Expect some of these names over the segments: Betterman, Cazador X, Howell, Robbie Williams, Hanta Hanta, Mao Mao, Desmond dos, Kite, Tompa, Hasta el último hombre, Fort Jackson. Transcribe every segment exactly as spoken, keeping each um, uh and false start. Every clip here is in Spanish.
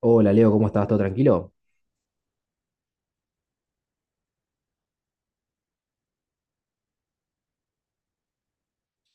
Hola Leo, ¿cómo estás? ¿Todo tranquilo?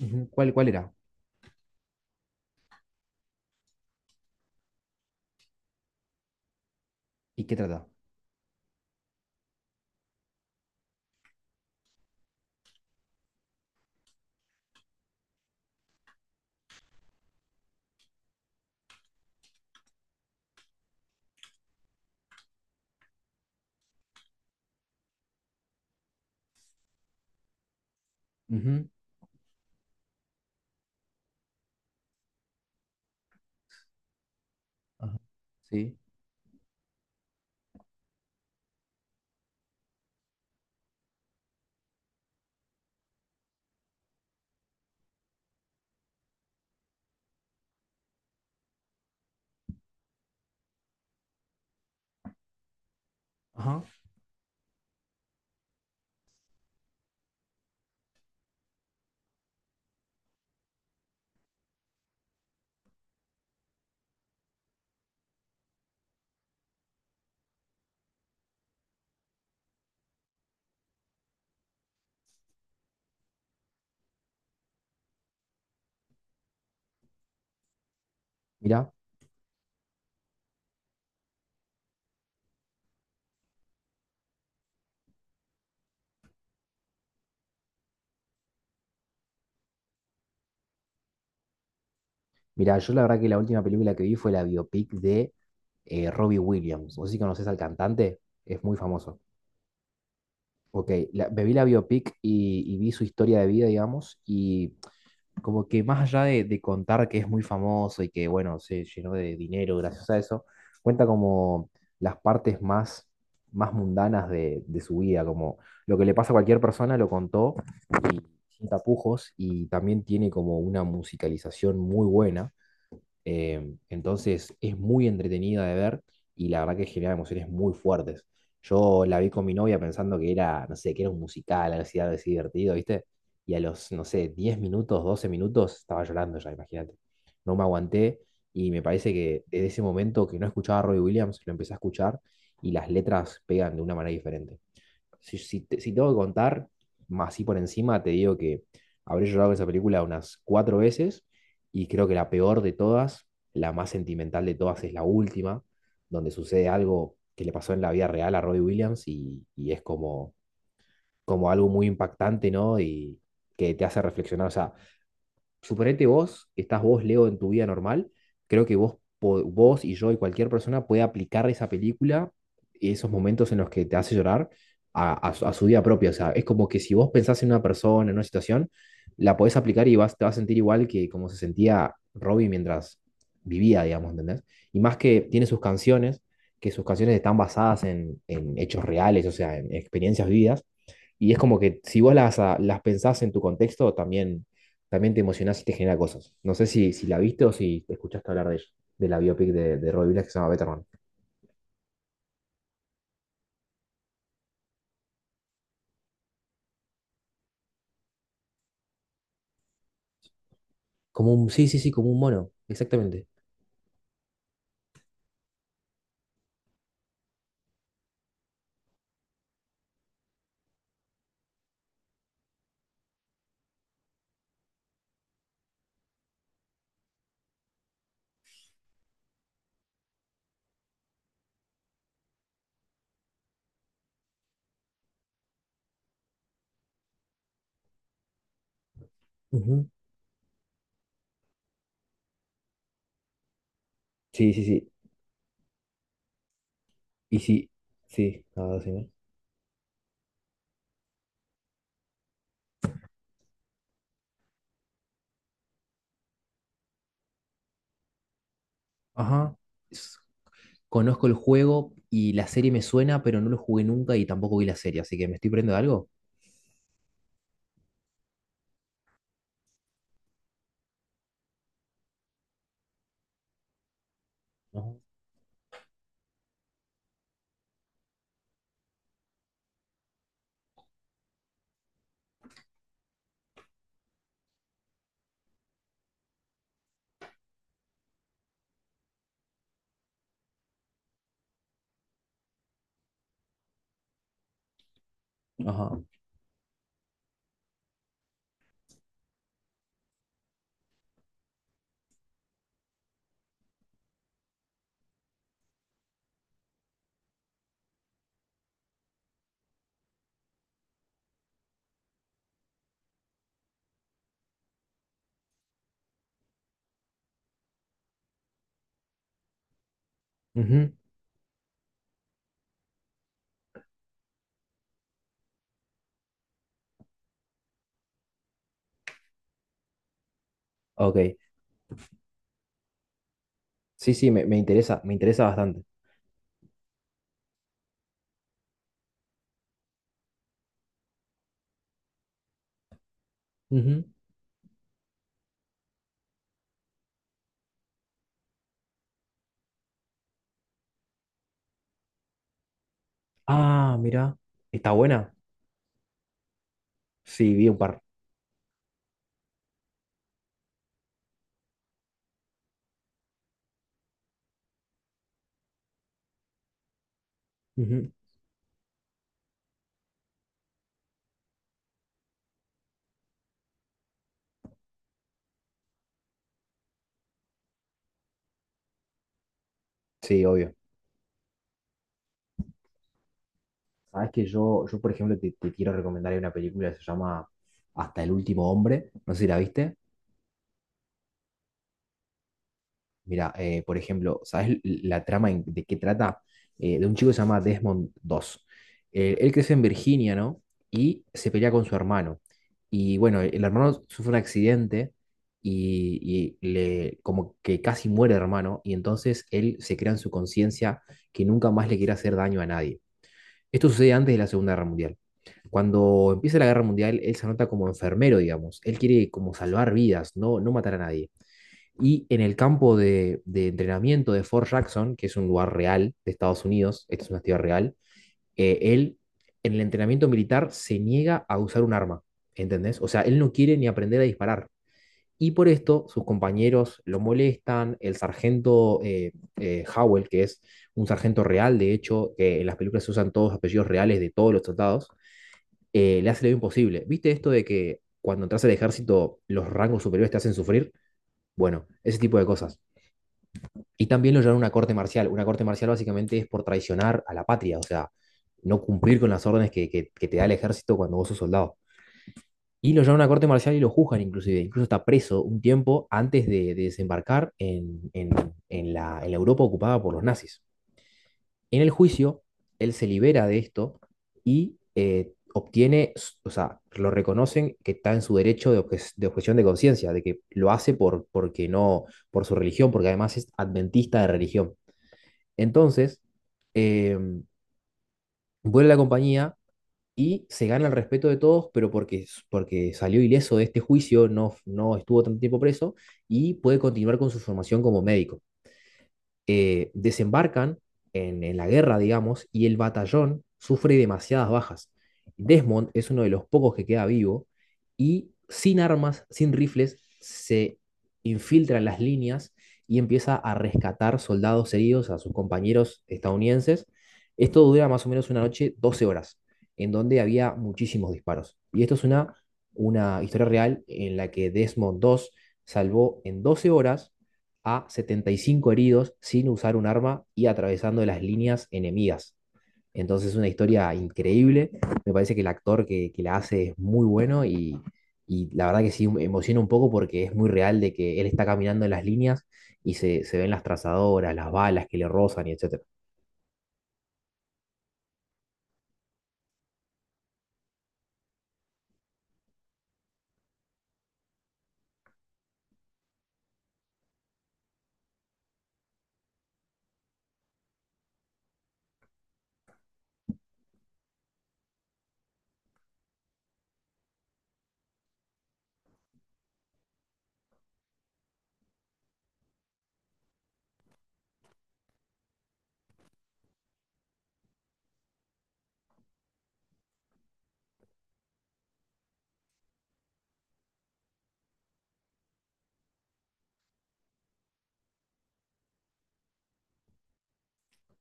Ujú, ¿Cuál, cuál era? ¿Y qué trata? Ujú, Ajá. Sí. Ajá. Mirá, mirá, yo la verdad que la última película que vi fue la biopic de eh, Robbie Williams. ¿Vos sí conoces al cantante? Es muy famoso. Ok, la- me vi la biopic y, y vi su historia de vida, digamos, y como que más allá de, de contar que es muy famoso y que, bueno, se llenó de dinero gracias a eso, cuenta como las partes más, más mundanas de, de su vida, como lo que le pasa a cualquier persona, lo contó y sin tapujos y también tiene como una musicalización muy buena eh, entonces es muy entretenida de ver y la verdad que genera emociones muy fuertes. Yo la vi con mi novia pensando que era, no sé, que era un musical, algo así, algo así divertido, ¿viste? Y a los, no sé, diez minutos, doce minutos estaba llorando ya, imagínate. No me aguanté y me parece que desde ese momento que no escuchaba a Robbie Williams, lo empecé a escuchar y las letras pegan de una manera diferente. Si, si, te- si tengo que contar, más así por encima, te digo que habré llorado con esa película unas cuatro veces y creo que la peor de todas, la más sentimental de todas, es la última, donde sucede algo que le pasó en la vida real a Robbie Williams y, y es como, como algo muy impactante, ¿no? Y que te hace reflexionar, o sea, suponete vos, que estás vos, Leo, en tu vida normal, creo que vos, po- vos y yo y cualquier persona puede aplicar esa película, esos momentos en los que te hace llorar, a, a su a su vida propia. O sea, es como que si vos pensás en una persona, en una situación, la podés aplicar y vas, te vas a sentir igual que como se sentía Robbie mientras vivía, digamos, ¿entendés? Y más que tiene sus canciones, que sus canciones están basadas en, en hechos reales, o sea, en experiencias vividas. Y es como que si vos las, a- las pensás en tu contexto, también, también te emocionás y te genera cosas. No sé si, si la viste o si te escuchaste hablar de ella, de la biopic de, de Robbie Williams que se llama Betterman. Como un, sí, sí, sí, como un mono, exactamente. Ujú. Sí, sí, sí. Y sí, sí, nada, decime. Ajá. S- Conozco el juego y la serie me suena, pero no lo jugué nunca y tampoco vi la serie, así que me estoy perdiendo de algo. Ajá. Ajá. Ujú, Ok, sí, sí, me, me interesa, me interesa bastante. Ujú. Ah, mira, está buena. Sí, vi un par. Ujú. Sí, obvio. Sabes que yo, yo, por ejemplo, te, te quiero recomendar una película que se llama Hasta el último hombre. No sé si la viste. Mira, eh, por ejemplo, ¿sabes la trama en- de qué trata? Eh, de un chico que se llama Desmond dos. Eh, él crece en Virginia, ¿no? Y se pelea con su hermano. Y bueno, el hermano sufre un accidente y, y le, como que casi muere el hermano. Y entonces él se crea en su conciencia que nunca más le quiere hacer daño a nadie. Esto sucede antes de la Segunda Guerra Mundial. Cuando empieza la Guerra Mundial, él se anota como enfermero, digamos. Él quiere como salvar vidas, no, no matar a nadie. Y en el campo de, de entrenamiento de Fort Jackson, que es un lugar real de Estados Unidos, esta es una ciudad real, eh, él en el entrenamiento militar se niega a usar un arma, ¿entendés? O sea, él no quiere ni aprender a disparar. Y por esto sus compañeros lo molestan, el sargento eh, eh, Howell, que es un sargento real, de hecho, que en las películas se usan todos los apellidos reales de todos los soldados eh, le hace lo imposible. ¿Viste esto de que cuando entras al ejército los rangos superiores te hacen sufrir? Bueno, ese tipo de cosas. Y también lo llevan a una corte marcial. Una corte marcial básicamente es por traicionar a la patria, o sea, no cumplir con las órdenes que, que- que te da el ejército cuando vos sos soldado. Y lo llevan a una corte marcial y lo juzgan inclusive. Incluso está preso un tiempo antes de, de desembarcar en, en- en la, en la Europa ocupada por los nazis. En el juicio, él se libera de esto y eh, obtiene, s- o sea, lo reconocen que está en su derecho de, obje- de objeción de conciencia, de que lo hace por, porque no, por su religión, porque además es adventista de religión. Entonces, em, vuelve a la compañía y se gana el respeto de todos, pero porque, porque salió ileso de este juicio, no, no estuvo tanto tiempo preso y puede continuar con su formación como médico eh, desembarcan en, en la guerra, digamos, y el batallón sufre demasiadas bajas. Desmond es uno de los pocos que queda vivo y sin armas, sin rifles, se infiltra en las líneas y empieza a rescatar soldados heridos a sus compañeros estadounidenses. Esto dura más o menos una noche, doce horas, en donde había muchísimos disparos. Y esto es una, una historia real en la que Desmond dos salvó en doce horas a setenta y cinco heridos sin usar un arma y atravesando las líneas enemigas. Entonces es una historia increíble. Me parece que el actor que, que la hace es muy bueno y, y la verdad que sí me emociona un poco porque es muy real de que él está caminando en las líneas y se, se ven las trazadoras, las balas que le rozan y etcétera.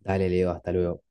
Dale, Leo, hasta luego.